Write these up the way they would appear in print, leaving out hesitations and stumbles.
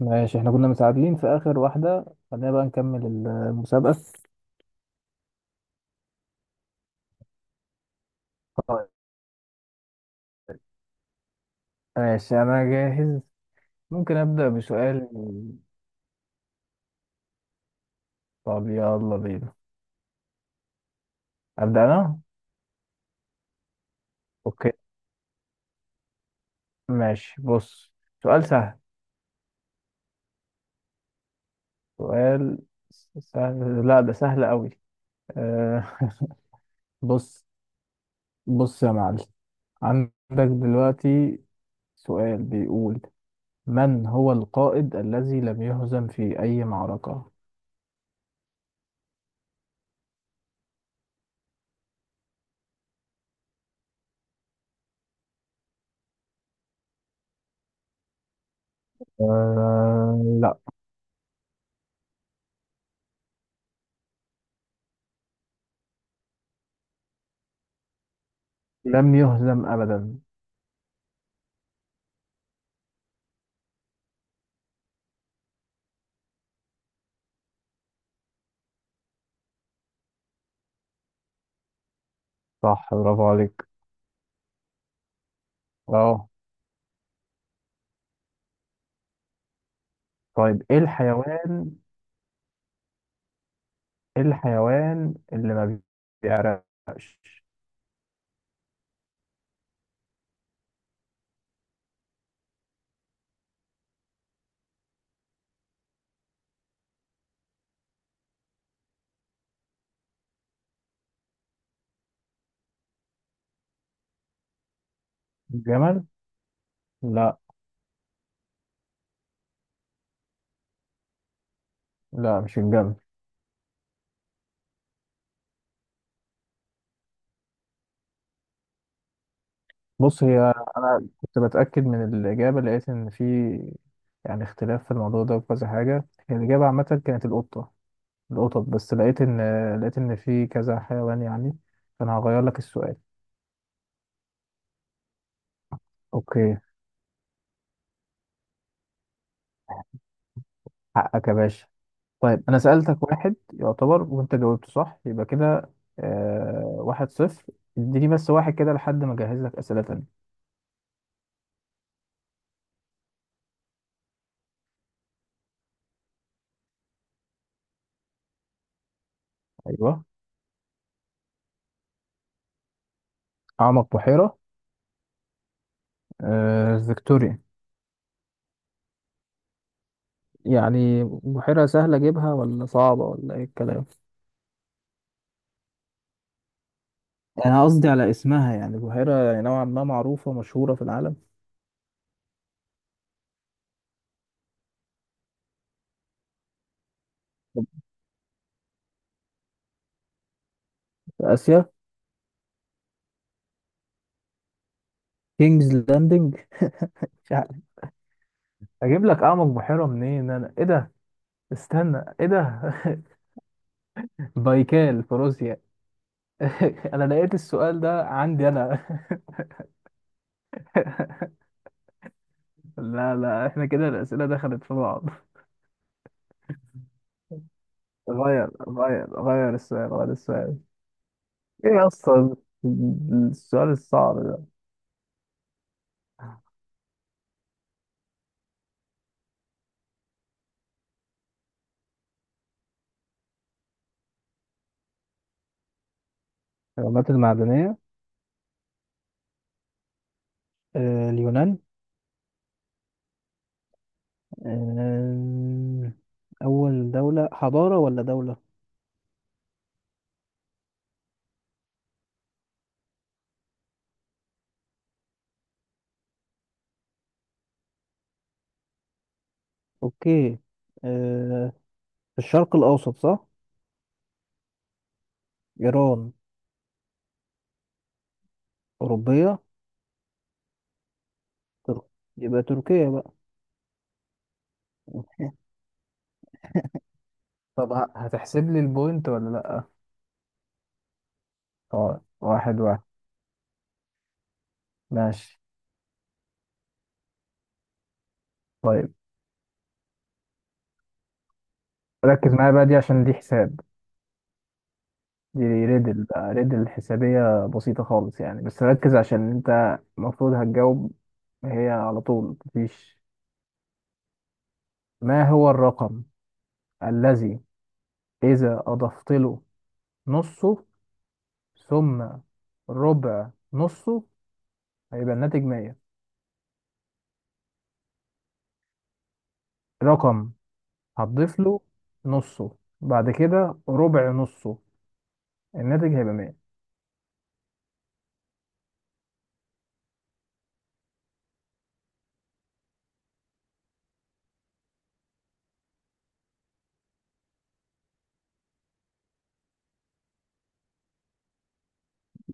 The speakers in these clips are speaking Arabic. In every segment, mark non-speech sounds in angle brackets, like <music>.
ماشي، احنا كنا متعادلين في آخر واحدة. خلينا بقى نكمل المسابقة. طيب، ماشي أنا جاهز. ممكن أبدأ بسؤال؟ طب يلا بينا. أبدأ أنا؟ أوكي. ماشي، بص. سؤال سهل سؤال سهل، لا ده سهل أوي. أه. بص بص يا معلم، عندك دلوقتي سؤال بيقول: من هو القائد الذي لم يهزم في أي معركة؟ أه لا، لم يهزم أبدا. صح، برافو عليك. اه. طيب، ايه الحيوان اللي ما بيعرقش؟ الجمل؟ لا لا، مش الجمل. بص، هي انا كنت بتأكد من الإجابة، لقيت ان في يعني اختلاف في الموضوع ده وكذا حاجة. هي الإجابة عامة كانت القطة، القطط، بس لقيت ان في كذا حيوان يعني، فانا هغير لك السؤال. اوكي. حقك يا باشا. طيب، انا سألتك واحد يعتبر وانت جاوبته صح، يبقى كده آه، واحد صفر. اديني بس واحد كده لحد ما اجهز لك اسئله تانية. ايوه، اعمق بحيره؟ آه، فيكتوريا. يعني بحيره سهله اجيبها ولا صعبه ولا ايه الكلام؟ انا قصدي على اسمها، يعني بحيره يعني نوعا ما معروفه مشهوره في العالم. طب في اسيا؟ كينجز لاندنج؟ مش عارف. اجيب لك اعمق بحيره منين انا، ايه ده، استنى ايه ده. <laughs> بايكال في روسيا. <laughs> انا لقيت السؤال ده عندي انا. <laughs> لا لا، احنا كده الاسئله دخلت في بعض. غير السؤال، غير السؤال. ايه اصلا السؤال الصعب ده؟ الحيوانات المعدنية. آه، اليونان. آه، أول دولة حضارة ولا دولة؟ أوكي. آه، في الشرق الأوسط صح؟ إيران. أوروبية. تركيا. يبقى تركيا بقى. طب هتحسب لي البوينت ولا لا؟ اه، واحد واحد. ماشي. طيب، ركز معايا بقى، دي عشان دي حساب. دي ريدل بقى، ريدل حسابية بسيطة خالص يعني، بس ركز عشان انت المفروض هتجاوب هي على طول، مفيش. ما هو الرقم الذي إذا أضفت له نصه، ثم ربع نصه، هيبقى الناتج 100؟ رقم هتضيف له نصه، بعد كده ربع نصه، الناتج هيبقى 100.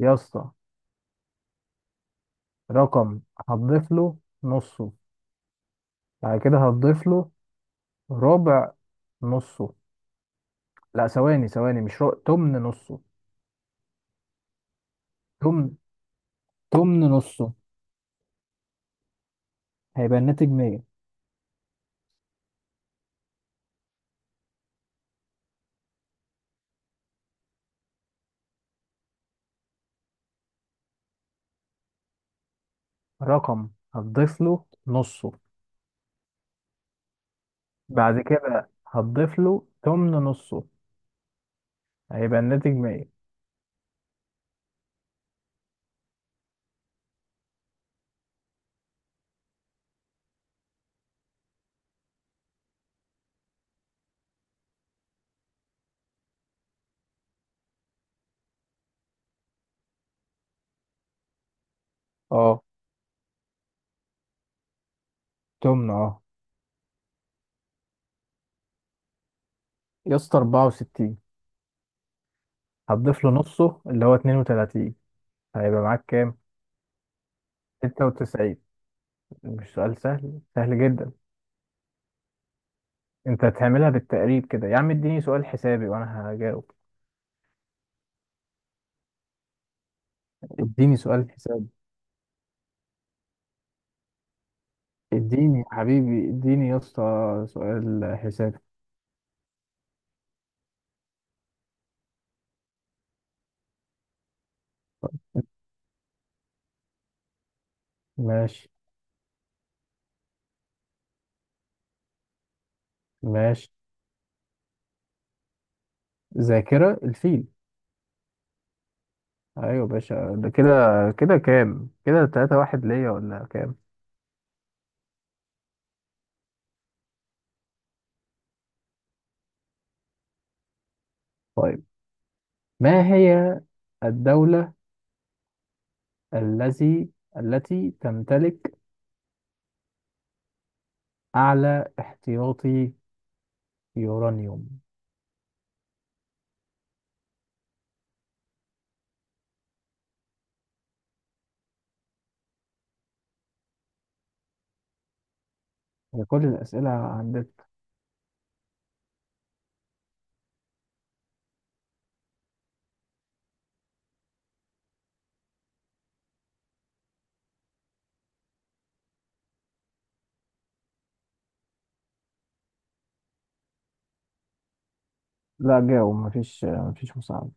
يا اسطى، رقم هتضيف له نصه، بعد كده هتضيف له ربع نصه. لا، ثواني ثواني، مش تمن نصه. تمن تمن نصه، هيبقى الناتج 100. رقم هتضيف له نصه، بعد كده هتضيف له تمن نصه، هيبقى الناتج 100. اه، تمن، اه. يا اسطى، 64 هتضيف له نصه اللي هو 32، هيبقى معاك كام؟ 96. مش سؤال سهل، سهل جدا. انت هتعملها بالتقريب كده يا عم، اديني سؤال حسابي وانا هجاوب. اديني سؤال حسابي. اديني يا حبيبي، اديني يا اسطى سؤال حسابي. ماشي ماشي. ذاكرة الفيل. ايوه باشا، ده كده. كده كام كده، تلاتة واحد ليا ولا كام؟ طيب، ما هي الدولة الذي التي تمتلك أعلى احتياطي يورانيوم؟ هي كل الأسئلة عندك؟ لا جاوب، مفيش مساعدة.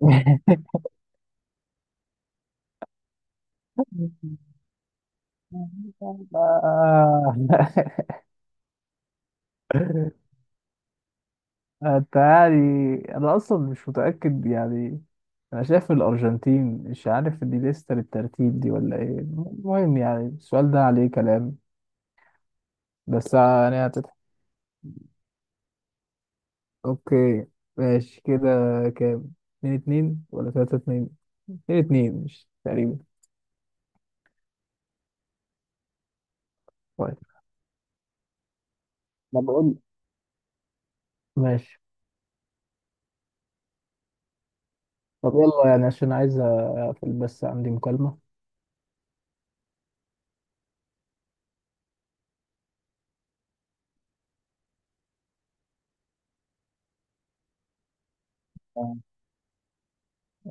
<laughs> آه. <laughs> انت يعني، انا اصلا مش متاكد يعني. انا شايف الارجنتين، مش عارف دي لسه بالترتيب دي ولا ايه. المهم يعني السؤال ده عليه كلام، بس يعني هتضحك. اوكي. ماشي كده. كام؟ اتنين اتنين ولا تلاتة اتنين. اتنين اتنين مش تقريبا. طيب. ما بقول. ماشي. طب يلا يعني عشان عايز اقفل، بس عندي مكالمة.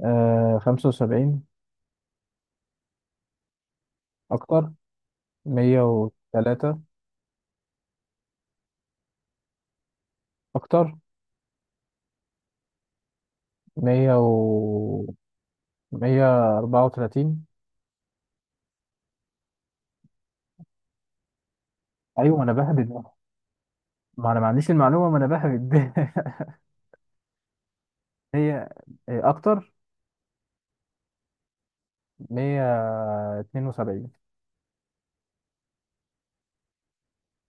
آه، 75. أكتر؟ 103. أكتر؟ مية، 134. ايوه، ما انا بهبد بقى. ما انا ما عنديش المعلومه، ما انا بهبد. <laughs> هي اكتر. 172.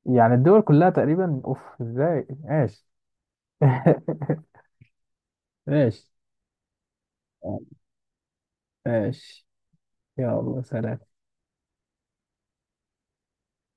يعني الدول كلها تقريبا، اوف، ازاي؟ ماشي. <laughs> ماشي ماشي، يلا سلام.